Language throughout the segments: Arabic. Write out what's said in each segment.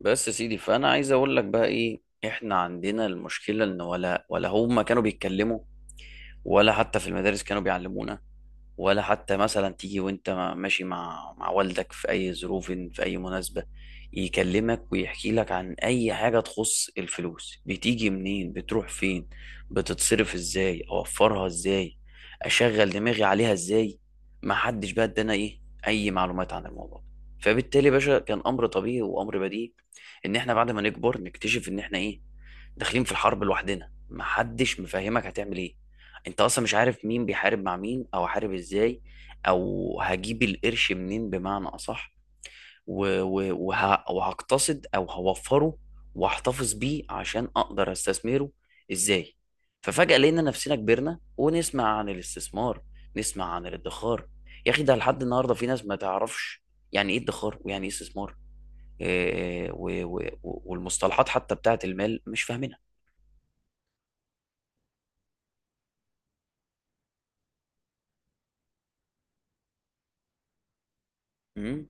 بس يا سيدي فانا عايز اقول لك بقى ايه احنا عندنا المشكله ان ولا هم كانوا بيتكلموا، ولا حتى في المدارس كانوا بيعلمونا، ولا حتى مثلا تيجي وانت ماشي مع والدك في اي ظروف في اي مناسبة يكلمك ويحكي لك عن اي حاجة تخص الفلوس، بتيجي منين؟ بتروح فين؟ بتتصرف ازاي؟ اوفرها ازاي؟ اشغل دماغي عليها ازاي؟ ما حدش بقى ادانا ايه اي معلومات عن الموضوع. فبالتالي يا باشا كان امر طبيعي وامر بديهي ان احنا بعد ما نكبر نكتشف ان احنا ايه، داخلين في الحرب لوحدنا، ما حدش مفهمك هتعمل ايه، انت اصلا مش عارف مين بيحارب مع مين، او هحارب ازاي، او هجيب القرش منين، بمعنى اصح وهقتصد او هوفره واحتفظ بيه عشان اقدر استثمره ازاي. ففجأة لقينا نفسنا كبرنا ونسمع عن الاستثمار، نسمع عن الادخار. يا اخي ده لحد النهارده في ناس ما تعرفش يعني ايه ادخار ويعني ايه استثمار. والمصطلحات حتى بتاعت المال مش فاهمينها. إمم.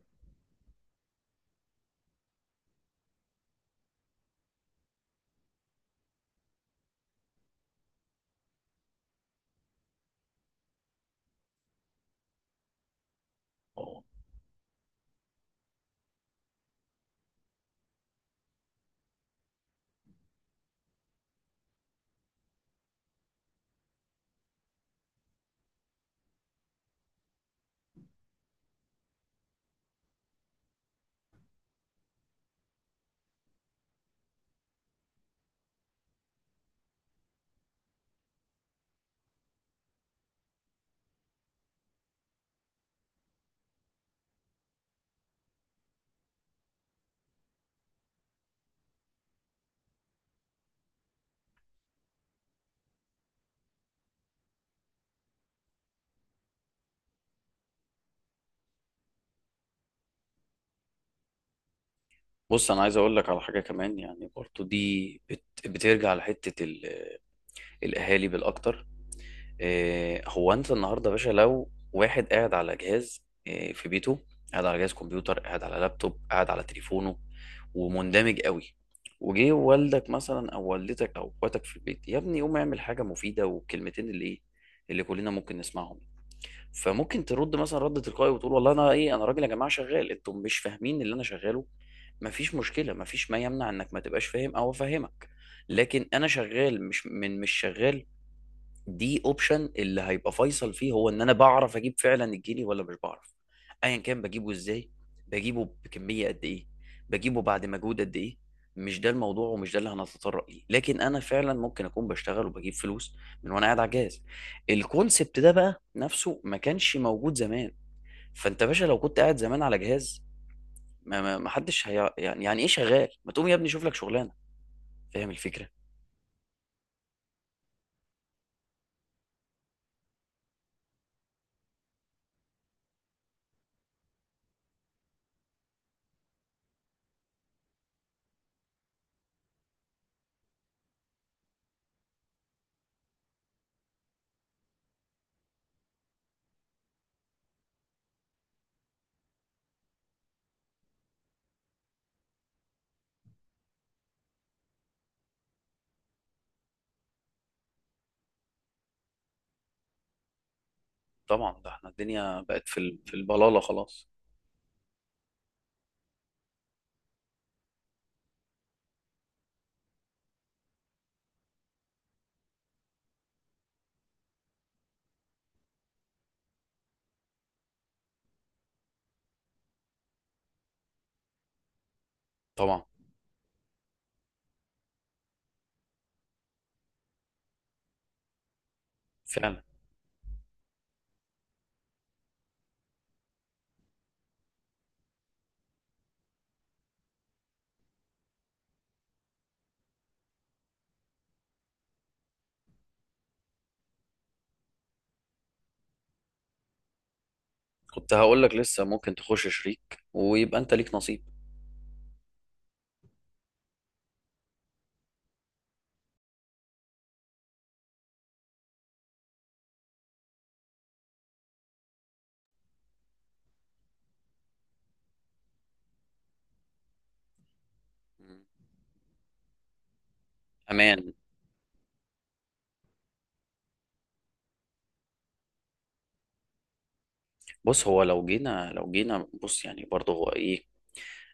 بص انا عايز اقول لك على حاجه كمان، يعني برضو دي بترجع لحته الاهالي بالاكتر. إيه هو انت النهارده يا باشا لو واحد قاعد على جهاز إيه في بيته، قاعد على جهاز كمبيوتر، قاعد على لابتوب، قاعد على تليفونه ومندمج قوي، وجه والدك مثلا او والدتك او اخواتك في البيت: يا ابني قوم اعمل حاجه مفيده، والكلمتين اللي ايه اللي كلنا ممكن نسمعهم. فممكن ترد مثلا رد تلقائي وتقول: والله انا ايه، انا راجل يا جماعه شغال، انتم مش فاهمين اللي انا شغاله. مفيش مشكله، مفيش ما يمنع انك ما تبقاش فاهم او افهمك، لكن انا شغال مش مش شغال. دي اوبشن اللي هيبقى فيصل فيه هو ان انا بعرف اجيب فعلا الجنيه ولا مش بعرف. ايا كان بجيبه ازاي، بجيبه بكميه قد ايه، بجيبه بعد مجهود قد ايه، مش ده الموضوع ومش ده اللي هنتطرق ليه. لكن انا فعلا ممكن اكون بشتغل وبجيب فلوس من وانا قاعد على الجهاز. الكونسبت ده بقى نفسه ما كانش موجود زمان. فانت يا باشا لو كنت قاعد زمان على جهاز، ما حدش هي يعني يعني ايه شغال؟ ما تقوم يا ابني شوف لك شغلانه. فاهم الفكره؟ طبعا ده احنا الدنيا بقت في البلاله خلاص. طبعا فعلا كنت هقول لك لسه ممكن تخش شريك ويبقى انت ليك نصيب. مم. امان. بص هو لو جينا بص يعني برضه هو ايه،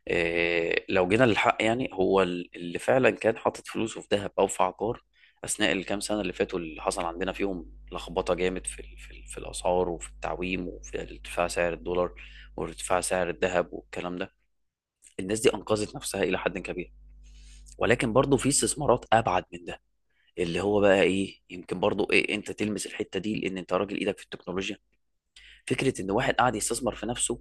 إيه لو جينا للحق، يعني هو اللي فعلا كان حاطط فلوسه في ذهب او في عقار اثناء الكام سنه اللي فاتوا، اللي حصل عندنا فيهم لخبطه جامد في الاسعار، وفي التعويم، وفي ارتفاع سعر الدولار، وارتفاع سعر الذهب والكلام ده، الناس دي انقذت نفسها الى حد كبير. ولكن برضه في استثمارات ابعد من ده، اللي هو بقى ايه، يمكن برضو إيه انت تلمس الحته دي لان انت راجل ايدك في التكنولوجيا: فكره ان واحد قاعد يستثمر في نفسه،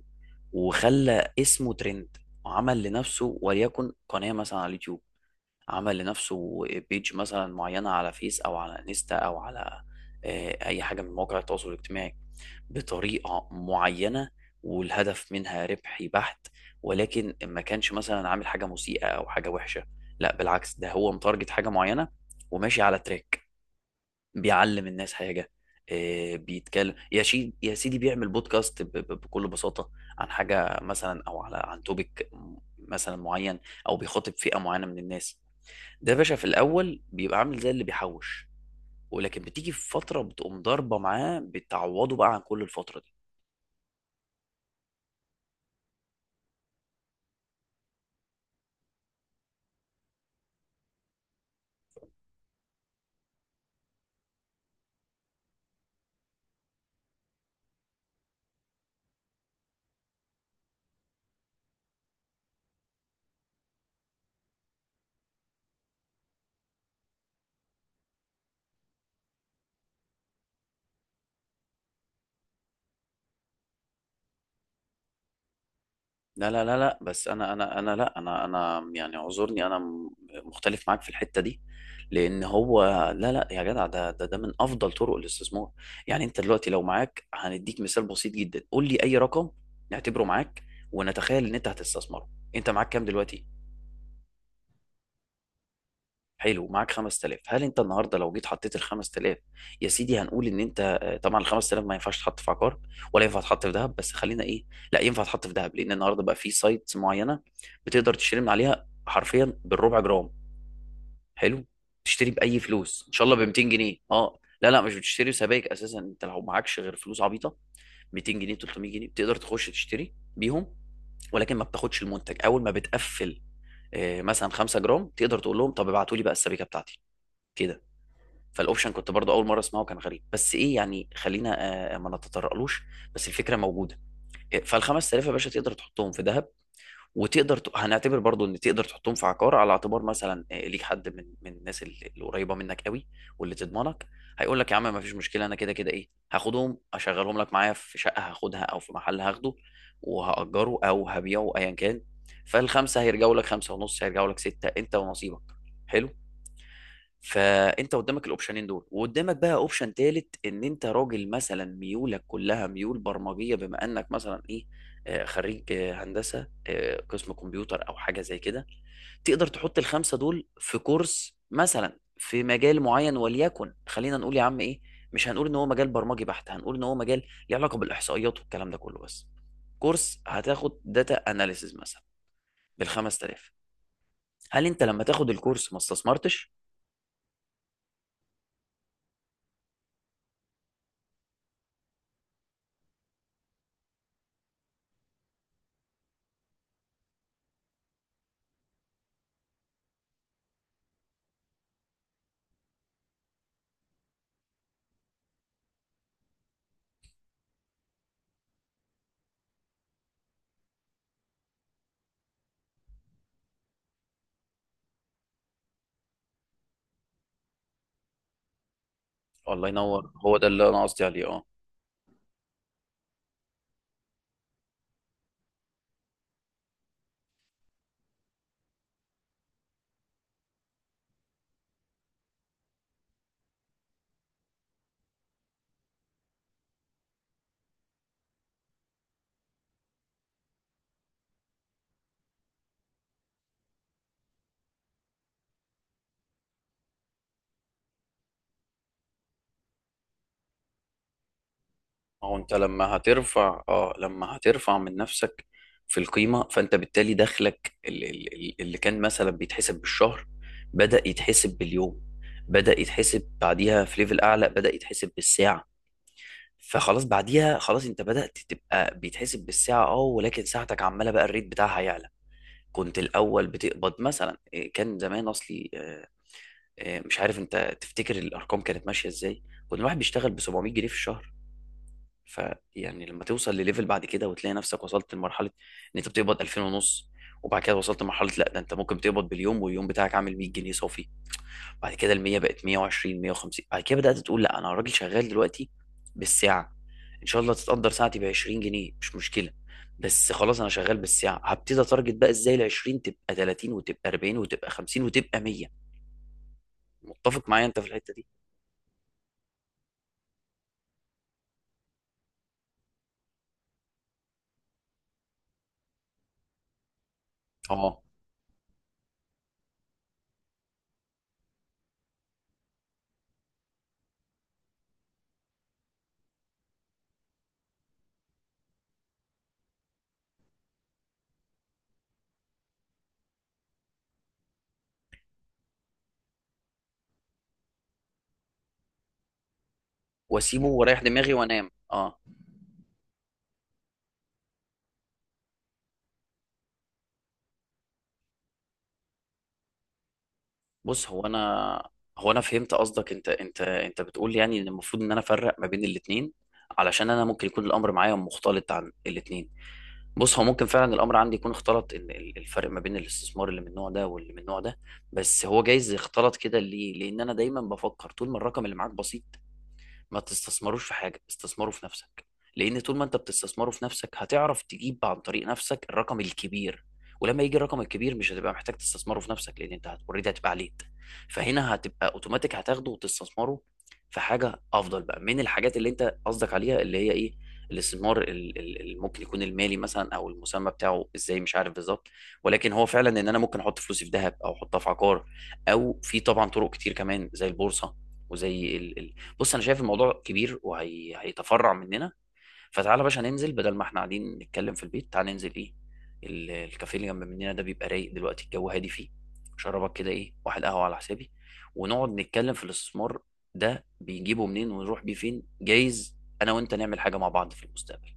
وخلى اسمه ترند، وعمل لنفسه وليكن قناه مثلا على اليوتيوب، عمل لنفسه بيج مثلا معينه على فيس او على انستا او على اي حاجه من مواقع التواصل الاجتماعي بطريقه معينه، والهدف منها ربحي بحت، ولكن ما كانش مثلا عامل حاجه مسيئه او حاجه وحشه، لا بالعكس ده هو متارجت حاجه معينه وماشي على تراك، بيعلم الناس حاجة، بيتكلم، يا شي يا سيدي بيعمل بودكاست بكل بساطة عن حاجة مثلا أو على عن توبيك مثلا معين، أو بيخاطب فئة معينة من الناس. ده يا باشا في الأول بيبقى عامل زي اللي بيحوش، ولكن بتيجي في فترة بتقوم ضاربة معاه بتعوضه بقى عن كل الفترة دي. لا لا لا لا، بس انا لا انا يعني اعذرني، انا مختلف معاك في الحته دي، لان هو لا لا يا جدع ده ده من افضل طرق الاستثمار. يعني انت دلوقتي لو معاك هنديك مثال بسيط جدا، قول لي اي رقم نعتبره معاك ونتخيل ان انت هتستثمره. انت معاك كام دلوقتي؟ حلو، ومعاك 5000. هل انت النهارده لو جيت حطيت ال 5000 يا سيدي، هنقول ان انت طبعا ال 5000 ما ينفعش تحط في عقار، ولا ينفع تحط في ذهب، بس خلينا ايه، لا ينفع تحط في ذهب لان النهارده بقى في سايتس معينه بتقدر تشتري من عليها حرفيا بالربع جرام. حلو، تشتري باي فلوس ان شاء الله ب 200 جنيه، اه لا لا مش بتشتري سبائك اساسا انت لو معكش غير فلوس عبيطه، 200 جنيه 300 جنيه بتقدر تخش تشتري بيهم، ولكن ما بتاخدش المنتج اول ما بتقفل مثلا 5 جرام تقدر تقول لهم: طب ابعتوا لي بقى السبيكه بتاعتي كده. فالاوبشن كنت برضو اول مره اسمعه كان غريب، بس ايه يعني خلينا ما نتطرقلوش، بس الفكره موجوده. فال 5000 يا باشا تقدر تحطهم في ذهب، وتقدر هنعتبر برضو ان تقدر تحطهم في عقار، على اعتبار مثلا ليك حد من الناس اللي قريبه منك قوي واللي تضمنك، هيقول لك يا عم ما فيش مشكله، انا كده كده ايه هاخدهم اشغلهم لك معايا في شقه هاخدها او في محل هاخده وهاجره او هبيعه ايا كان، فالخمسه هيرجعوا لك خمسه ونص، هيرجعوا لك سته، انت ونصيبك. حلو، فانت قدامك الاوبشنين دول، وقدامك بقى اوبشن تالت، ان انت راجل مثلا ميولك كلها ميول برمجيه، بما انك مثلا ايه، خريج هندسه قسم كمبيوتر او حاجه زي كده، تقدر تحط الخمسه دول في كورس مثلا في مجال معين، وليكن خلينا نقول يا عم ايه، مش هنقول ان هو مجال برمجي بحت، هنقول ان هو مجال ليه علاقه بالاحصائيات والكلام ده كله، بس كورس هتاخد داتا اناليسز مثلا بال 5000. هل انت لما تاخد الكورس ما استثمرتش؟ الله ينور، هو ده اللي انا قصدي عليه اه. هو انت لما هترفع اه لما هترفع من نفسك في القيمه، فانت بالتالي دخلك اللي كان مثلا بيتحسب بالشهر بدا يتحسب باليوم، بدا يتحسب بعديها في ليفل اعلى بدا يتحسب بالساعه، فخلاص بعديها خلاص انت بدات تبقى بيتحسب بالساعه اه، ولكن ساعتك عماله بقى الريت بتاعها يعلى. كنت الاول بتقبض مثلا كان زمان اصلي مش عارف انت تفتكر الارقام كانت ماشيه ازاي، كنت الواحد بيشتغل ب 700 جنيه في الشهر. فيعني لما توصل لليفل بعد كده وتلاقي نفسك وصلت لمرحله ان انت بتقبض 2000 ونص، وبعد كده وصلت لمرحله لا ده انت ممكن تقبض باليوم واليوم بتاعك عامل 100 جنيه صافي، بعد كده ال 100 بقت 120 150، بعد كده بدات تقول لا انا راجل شغال دلوقتي بالساعه، ان شاء الله تتقدر ساعتي ب 20 جنيه مش مشكله، بس خلاص انا شغال بالساعه، هبتدي اتارجت بقى ازاي ال 20 تبقى 30 وتبقى 40 وتبقى 50 وتبقى 100. متفق معايا انت في الحته دي؟ اه واسيبه واريح دماغي وانام اه. بص هو انا، هو انا فهمت قصدك، انت بتقول يعني ان المفروض ان انا افرق ما بين الاثنين، علشان انا ممكن يكون الامر معايا مختلط عن الاثنين. بص هو ممكن فعلا الامر عندي يكون اختلط، ان الفرق ما بين الاستثمار اللي من النوع ده واللي من النوع ده، بس هو جايز يختلط كده ليه، لان انا دايما بفكر طول ما الرقم اللي معاك بسيط، ما تستثمروش في حاجة، استثمروا في نفسك. لأن طول ما أنت بتستثمره في نفسك هتعرف تجيب عن طريق نفسك الرقم الكبير، ولما يجي الرقم الكبير مش هتبقى محتاج تستثمره في نفسك، لأن أنت اوريدي هتبقى عليت، فهنا هتبقى أوتوماتيك هتاخده وتستثمره في حاجة أفضل بقى من الحاجات اللي أنت قصدك عليها، اللي هي إيه، الاستثمار اللي ممكن يكون المالي مثلا، او المسمى بتاعه ازاي مش عارف بالظبط، ولكن هو فعلا ان انا ممكن احط فلوسي في ذهب او احطها في عقار، او في طبعا طرق كتير كمان زي البورصه وزي ال- بص انا شايف الموضوع كبير وهيتفرع مننا، فتعالى يا باشا ننزل بدل ما احنا قاعدين نتكلم في البيت، تعالى ننزل ايه، الكافيه اللي جنب مننا ده بيبقى رايق دلوقتي، الجو هادي فيه، شربك كده ايه، واحد قهوه على حسابي، ونقعد نتكلم في الاستثمار ده بيجيبه منين ونروح بيه فين، جايز انا وانت نعمل حاجه مع بعض في المستقبل.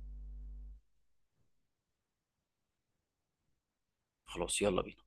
خلاص يلا بينا.